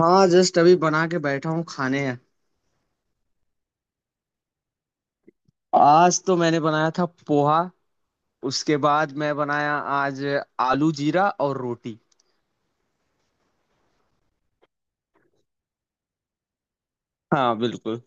हाँ, जस्ट अभी बना के बैठा हूँ खाने हैं। आज तो मैंने बनाया था पोहा। उसके बाद मैं बनाया आज आलू जीरा और रोटी। हाँ, बिल्कुल।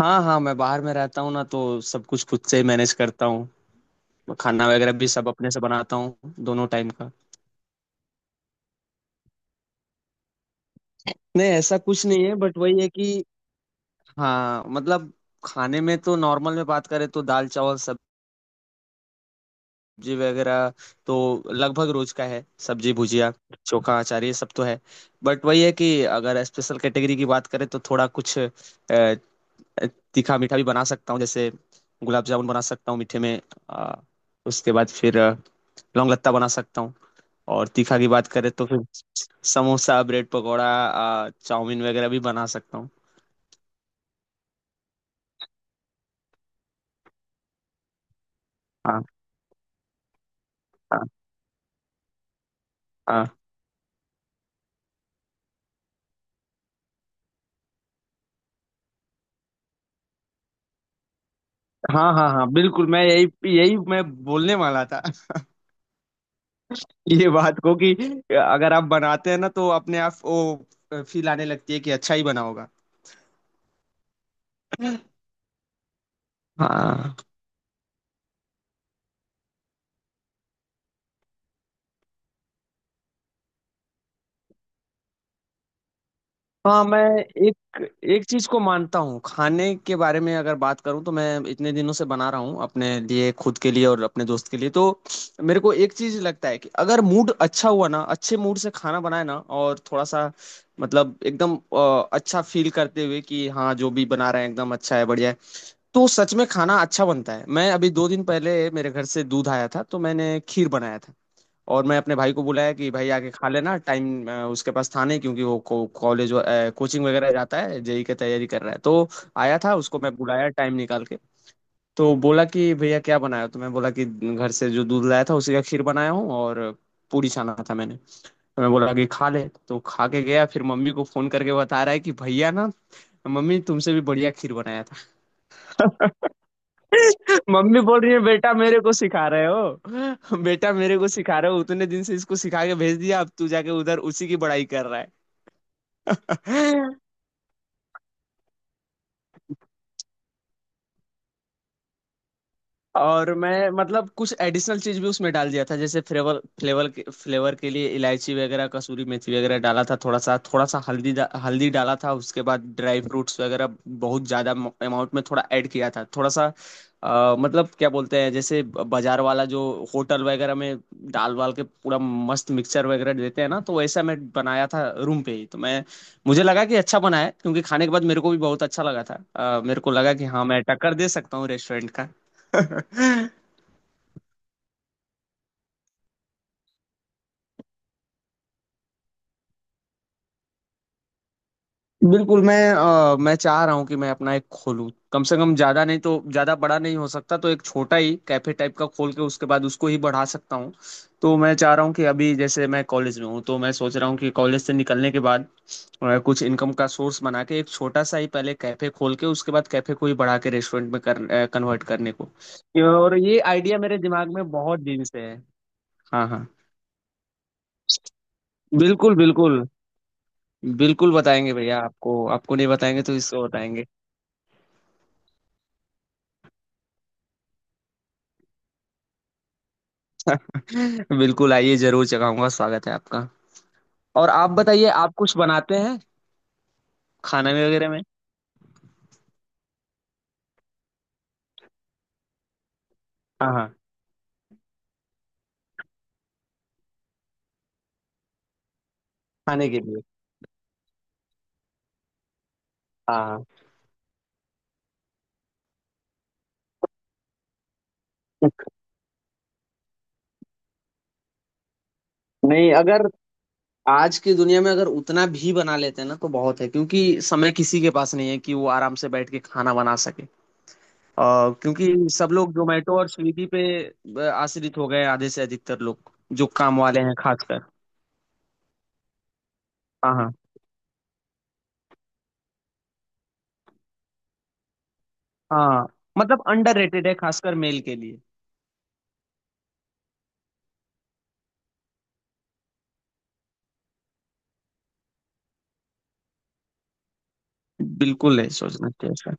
हाँ हाँ, मैं बाहर में रहता हूँ ना तो सब कुछ खुद से ही मैनेज करता हूँ। खाना वगैरह भी सब अपने से बनाता हूँ दोनों टाइम का। नहीं, ऐसा कुछ नहीं है बट वही है कि। हाँ, मतलब खाने में तो नॉर्मल में बात करें तो दाल चावल सब्जी, सब्जी वगैरह तो लगभग रोज का है। सब्जी भुजिया चोखा अचार ये सब तो है। बट वही है कि अगर स्पेशल कैटेगरी की बात करें तो थोड़ा कुछ तीखा मीठा भी बना सकता हूँ। जैसे गुलाब जामुन बना सकता हूँ मीठे में, अ, उसके बाद फिर लौंग लत्ता बना सकता हूँ। और तीखा की बात करें तो फिर समोसा ब्रेड पकौड़ा, चाउमीन वगैरह भी बना सकता हूँ। हाँ हाँ हाँ हाँ हाँ हाँ, बिल्कुल। मैं यही, यही मैं बोलने वाला था। ये बात को कि अगर आप बनाते हैं ना तो अपने आप वो फील आने लगती है कि अच्छा ही बना होगा। हाँ। हाँ, मैं एक एक चीज को मानता हूँ। खाने के बारे में अगर बात करूँ तो मैं इतने दिनों से बना रहा हूँ अपने लिए, खुद के लिए और अपने दोस्त के लिए, तो मेरे को एक चीज लगता है कि अगर मूड अच्छा हुआ ना, अच्छे मूड से खाना बनाए ना और थोड़ा सा मतलब एकदम अच्छा फील करते हुए कि हाँ जो भी बना रहे हैं एकदम अच्छा है बढ़िया है, तो सच में खाना अच्छा बनता है। मैं अभी 2 दिन पहले मेरे घर से दूध आया था तो मैंने खीर बनाया था और मैं अपने भाई को बुलाया कि भाई आके खा लेना। टाइम उसके पास था नहीं क्योंकि वो कॉलेज, कोचिंग वगैरह जाता है। जेई की तैयारी कर रहा है, तो आया था उसको मैं बुलाया टाइम निकाल के। तो बोला कि भैया क्या बनाया हो? तो मैं बोला कि घर से जो दूध लाया था उसी का खीर बनाया हूँ और पूरी छाना था मैंने। तो मैं बोला कि खा ले। तो खा के गया, फिर मम्मी को फोन करके बता रहा है कि भैया ना, मम्मी, तुमसे भी बढ़िया खीर बनाया था। मम्मी बोल रही है बेटा मेरे को सिखा रहे हो, बेटा मेरे को सिखा रहे हो, उतने दिन से इसको सिखा के भेज दिया अब तू जाके उधर उसी की बड़ाई कर रहा है। और मैं मतलब कुछ एडिशनल चीज भी उसमें डाल दिया था, जैसे फ्लेवर, फ्लेवर के लिए इलायची वगैरह, कसूरी मेथी वगैरह डाला था। थोड़ा सा हल्दी हल्दी डाला था। उसके बाद ड्राई फ्रूट्स वगैरह बहुत ज्यादा अमाउंट में थोड़ा ऐड किया था, थोड़ा सा। मतलब क्या बोलते हैं जैसे बाजार वाला जो होटल वगैरह में डाल वाल के पूरा मस्त मिक्सचर वगैरह देते हैं ना, तो वैसा मैं बनाया था रूम पे ही। तो मैं, मुझे लगा कि अच्छा बना है क्योंकि खाने के बाद मेरे को भी बहुत अच्छा लगा था। मेरे को लगा कि हाँ, मैं टक्कर दे सकता हूँ रेस्टोरेंट। बिल्कुल। मैं चाह रहा हूँ कि मैं अपना एक खोलूँ, कम से कम। ज्यादा नहीं तो, ज्यादा बड़ा नहीं हो सकता तो एक छोटा ही कैफे टाइप का खोल के उसके बाद उसको ही बढ़ा सकता हूँ। तो मैं चाह रहा हूँ कि अभी जैसे मैं कॉलेज में हूँ, तो मैं सोच रहा हूँ कि कॉलेज से निकलने के बाद कुछ इनकम का सोर्स बना के एक छोटा सा ही पहले कैफे खोल के उसके बाद कैफे को ही बढ़ा के रेस्टोरेंट में कन्वर्ट करने को। और ये आइडिया मेरे दिमाग में बहुत दिन से है। हाँ हाँ, बिल्कुल बिल्कुल। बिल्कुल बताएंगे भैया। आपको आपको नहीं बताएंगे तो इसको बताएंगे। बिल्कुल आइए, जरूर चखाऊंगा, स्वागत है आपका। और आप बताइए, आप कुछ बनाते हैं खाना में वगैरह में? हाँ हाँ, खाने के लिए। हाँ हाँ। नहीं, अगर आज की दुनिया में अगर उतना भी बना लेते हैं ना तो बहुत है, क्योंकि समय किसी के पास नहीं है कि वो आराम से बैठ के खाना बना सके। और क्योंकि सब लोग जोमेटो और स्विगी पे आश्रित हो गए हैं, आधे से अधिकतर लोग, जो काम वाले हैं खासकर। हाँ हाँ। हाँ, मतलब अंडररेटेड है खासकर मेल के लिए। बिल्कुल नहीं सोचना चाहिए सर।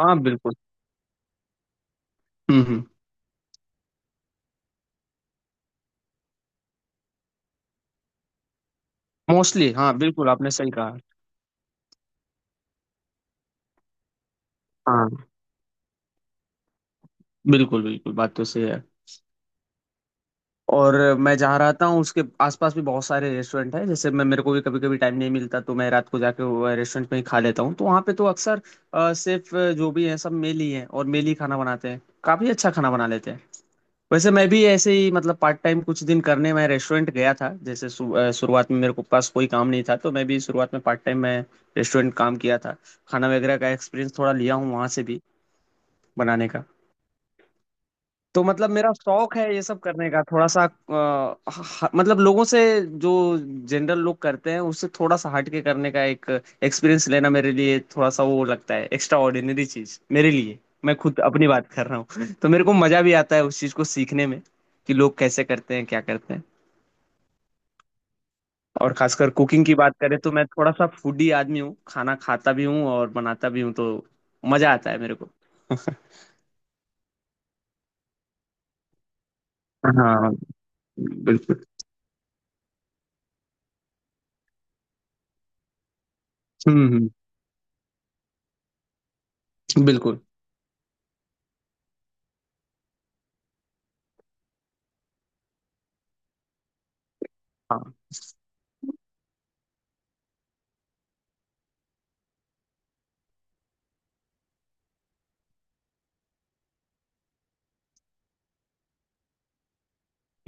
हाँ, बिल्कुल। हम्म। मोस्टली हाँ, बिल्कुल आपने सही कहा। हाँ, बिल्कुल बिल्कुल, बात तो सही है। और मैं जहाँ रहता हूँ उसके आसपास भी बहुत सारे रेस्टोरेंट हैं। जैसे मैं, मेरे को भी कभी कभी टाइम नहीं मिलता तो मैं रात को जाके वो रेस्टोरेंट में ही खा लेता हूँ, तो वहाँ पे तो अक्सर सिर्फ जो भी हैं सब मेल ही हैं और मेल ही खाना बनाते हैं, काफी अच्छा खाना बना लेते हैं। वैसे मैं भी ऐसे ही मतलब पार्ट टाइम कुछ दिन करने मैं रेस्टोरेंट गया था। जैसे शुरुआत में मेरे को पास कोई काम नहीं था तो मैं भी शुरुआत में पार्ट टाइम में रेस्टोरेंट काम किया था। खाना वगैरह का एक्सपीरियंस थोड़ा लिया हूँ वहाँ से भी बनाने का। तो मतलब मेरा शौक है ये सब करने का थोड़ा सा। मतलब लोगों से, जो जनरल लोग करते हैं उससे थोड़ा सा हट के करने का एक एक्सपीरियंस लेना मेरे लिए थोड़ा सा वो लगता है, एक्स्ट्रा ऑर्डिनरी चीज मेरे लिए। मैं खुद अपनी बात कर रहा हूँ। तो मेरे को मजा भी आता है उस चीज को सीखने में कि लोग कैसे करते हैं, क्या करते हैं। और खासकर कुकिंग की बात करें तो मैं थोड़ा सा फूडी आदमी हूँ, खाना खाता भी हूँ और बनाता भी हूँ तो मजा आता है मेरे को। हाँ, बिल्कुल। हम्म हम्म, बिल्कुल। हाँ,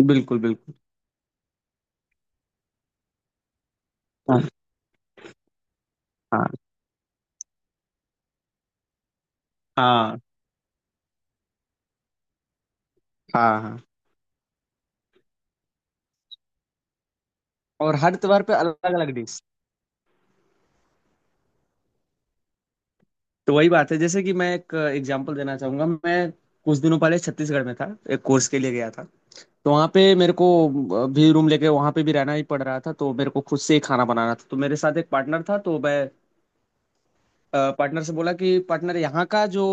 बिल्कुल बिल्कुल। हाँ हाँ हाँ हाँ, और हर त्योहार पे अलग अलग डिश। तो वही बात है, जैसे कि मैं एक एग्जांपल देना चाहूंगा। मैं कुछ दिनों पहले छत्तीसगढ़ में था, एक कोर्स के लिए गया था। तो वहाँ पे मेरे को भी रूम लेके वहाँ पे भी रहना ही पड़ रहा था, तो मेरे को खुद से ही खाना बनाना था। तो मेरे साथ एक पार्टनर था, तो मैं पार्टनर से बोला कि पार्टनर यहाँ का जो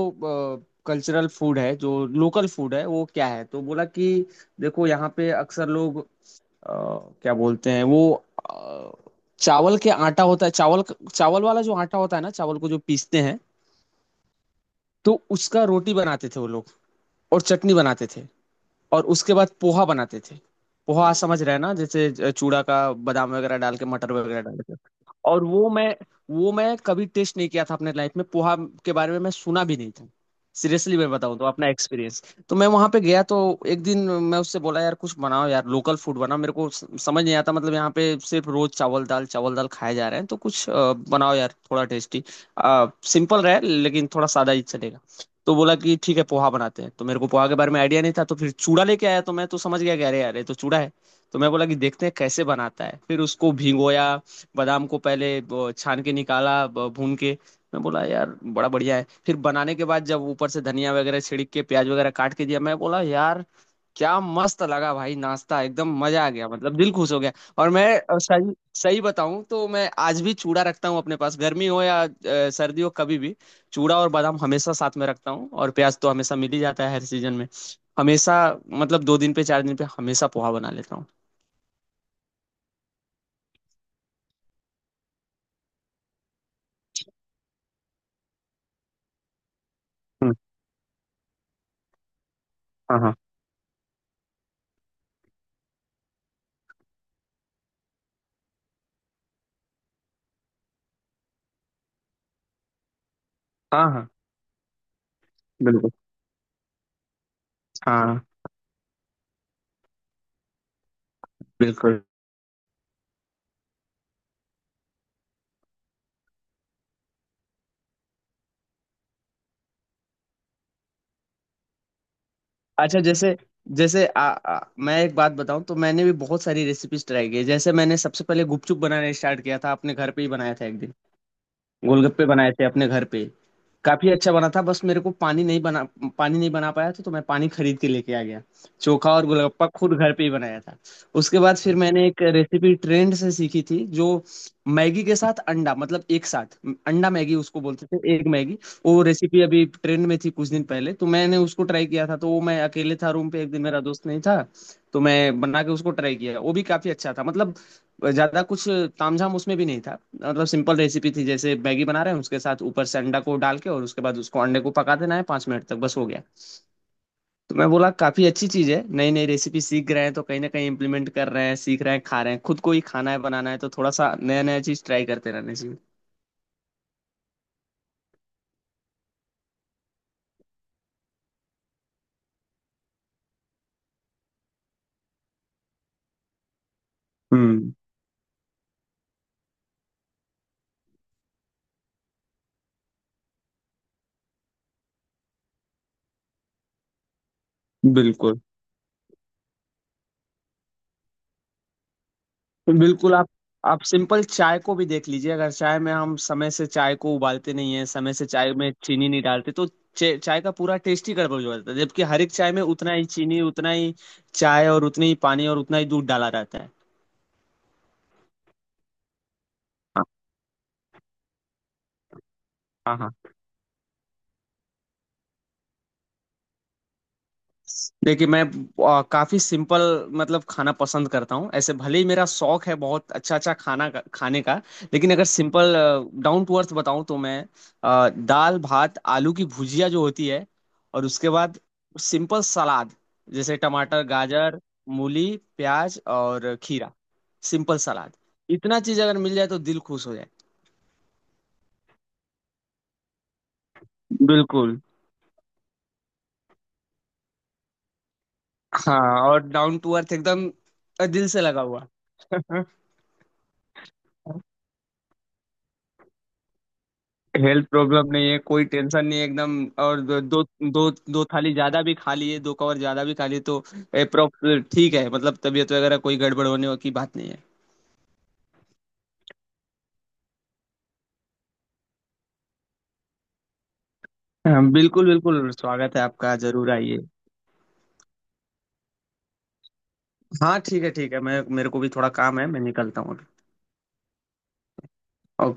कल्चरल फूड है, जो लोकल फूड है वो क्या है? तो बोला कि देखो यहाँ पे अक्सर लोग अ, क्या बोलते हैं वो, अ, चावल के आटा होता है, चावल, चावल वाला जो आटा होता है ना, चावल को जो पीसते हैं, तो उसका रोटी बनाते थे वो लोग। और चटनी बनाते थे और उसके बाद पोहा बनाते थे। पोहा, हम्म, समझ रहे हैं ना, जैसे चूड़ा का बादाम वगैरह डाल के, मटर वगैरह डाल के। और वो मैं कभी टेस्ट नहीं किया था अपने लाइफ में। पोहा के बारे में मैं सुना भी नहीं था, सीरियसली मैं बताऊं तो अपना एक्सपीरियंस। तो मैं वहां पे गया, तो एक दिन मैं उससे बोला यार कुछ बनाओ यार, लोकल फूड बनाओ, मेरे को समझ नहीं आता मतलब, यहाँ पे सिर्फ रोज चावल दाल खाए जा रहे हैं। तो कुछ बनाओ यार थोड़ा टेस्टी, सिंपल रहे, लेकिन थोड़ा सादा ही चलेगा। तो बोला कि ठीक है पोहा बनाते हैं। तो मेरे को पोहा के बारे में आइडिया नहीं था। तो फिर चूड़ा लेके आया तो मैं तो समझ गया कि अरे यार ये तो चूड़ा है। तो मैं बोला कि देखते हैं कैसे बनाता है। फिर उसको भिगोया, बादाम को पहले छान के निकाला, भून के। मैं बोला यार बड़ा बढ़िया है। फिर बनाने के बाद जब ऊपर से धनिया वगैरह छिड़क के, प्याज वगैरह काट के दिया, मैं बोला यार क्या मस्त लगा भाई, नाश्ता एकदम मजा आ गया, मतलब दिल खुश हो गया। और मैं सही सही बताऊं तो मैं आज भी चूड़ा रखता हूँ अपने पास। गर्मी हो या सर्दी हो कभी भी चूड़ा और बादाम हमेशा साथ में रखता हूँ, और प्याज तो हमेशा मिल ही जाता है हर सीजन में। हमेशा, मतलब 2 दिन पे 4 दिन पे हमेशा पोहा बना लेता हूँ। हम्म, हाँ हाँ हाँ हाँ, बिल्कुल। हाँ, बिल्कुल। अच्छा, जैसे, जैसे आ, आ, मैं एक बात बताऊं तो मैंने भी बहुत सारी रेसिपीज ट्राई की है। जैसे मैंने सबसे पहले गुपचुप बनाना स्टार्ट किया था, अपने घर पे ही बनाया था एक दिन। गोलगप्पे बनाए थे अपने घर पे। काफी अच्छा बना था, बस मेरे को पानी नहीं बना पाया था, तो मैं पानी खरीद के लेके आ गया। चोखा और गोलगप्पा खुद घर पे ही बनाया था। उसके बाद फिर मैंने एक रेसिपी ट्रेंड से सीखी थी जो मैगी के साथ अंडा, मतलब एक साथ अंडा मैगी, उसको बोलते थे एक मैगी। वो रेसिपी अभी ट्रेंड में थी कुछ दिन पहले, तो मैंने उसको ट्राई किया था। तो वो, मैं अकेले था रूम पे एक दिन, मेरा दोस्त नहीं था, तो मैं बना के उसको ट्राई किया। वो भी काफी अच्छा था, मतलब ज्यादा कुछ तामझाम उसमें भी नहीं था। मतलब सिंपल रेसिपी थी, जैसे मैगी बना रहे हैं उसके साथ ऊपर से अंडा को डाल के और उसके बाद उसको, अंडे को पका देना है 5 मिनट तक, बस हो गया। तो मैं बोला काफी अच्छी चीज है, नई नई रेसिपी सीख रहे हैं तो कहीं ना कहीं इम्प्लीमेंट कर रहे हैं, सीख रहे हैं, खा रहे हैं, खुद को ही खाना है बनाना है, तो थोड़ा सा नया नया चीज ट्राई करते रहना चाहिए। हम्म, बिल्कुल बिल्कुल। आप सिंपल चाय को भी देख लीजिए, अगर चाय में हम समय से चाय को उबालते नहीं है, समय से चाय में चीनी नहीं डालते तो चाय का पूरा टेस्ट ही गड़बड़ हो जाता है, जबकि हर एक चाय में उतना ही चीनी, उतना ही चाय और उतनी ही पानी और उतना ही दूध डाला रहता है। हाँ हाँ। हाँ। देखिए मैं काफी सिंपल मतलब खाना पसंद करता हूँ ऐसे, भले ही मेरा शौक है बहुत अच्छा अच्छा खाना खाने का। लेकिन अगर सिंपल डाउन टू अर्थ बताऊँ तो मैं दाल भात, आलू की भुजिया जो होती है, और उसके बाद सिंपल सलाद, जैसे टमाटर, गाजर, मूली, प्याज और खीरा, सिंपल सलाद, इतना चीज अगर मिल जाए तो दिल खुश हो जाए। बिल्कुल। हाँ, और डाउन टू अर्थ एकदम दिल से लगा हुआ। हेल्थ प्रॉब्लम नहीं है, कोई टेंशन नहीं है एकदम। और दो दो थाली ज्यादा भी खा लिए, 2 कवर ज्यादा भी खा लिए तो अप्रोक्स ठीक है, मतलब तबीयत वगैरह कोई गड़बड़ होने की बात नहीं है। हाँ, बिल्कुल बिल्कुल, स्वागत है आपका, जरूर आइए। हाँ, ठीक है ठीक है, मैं, मेरे को भी थोड़ा काम है, मैं निकलता हूँ अभी।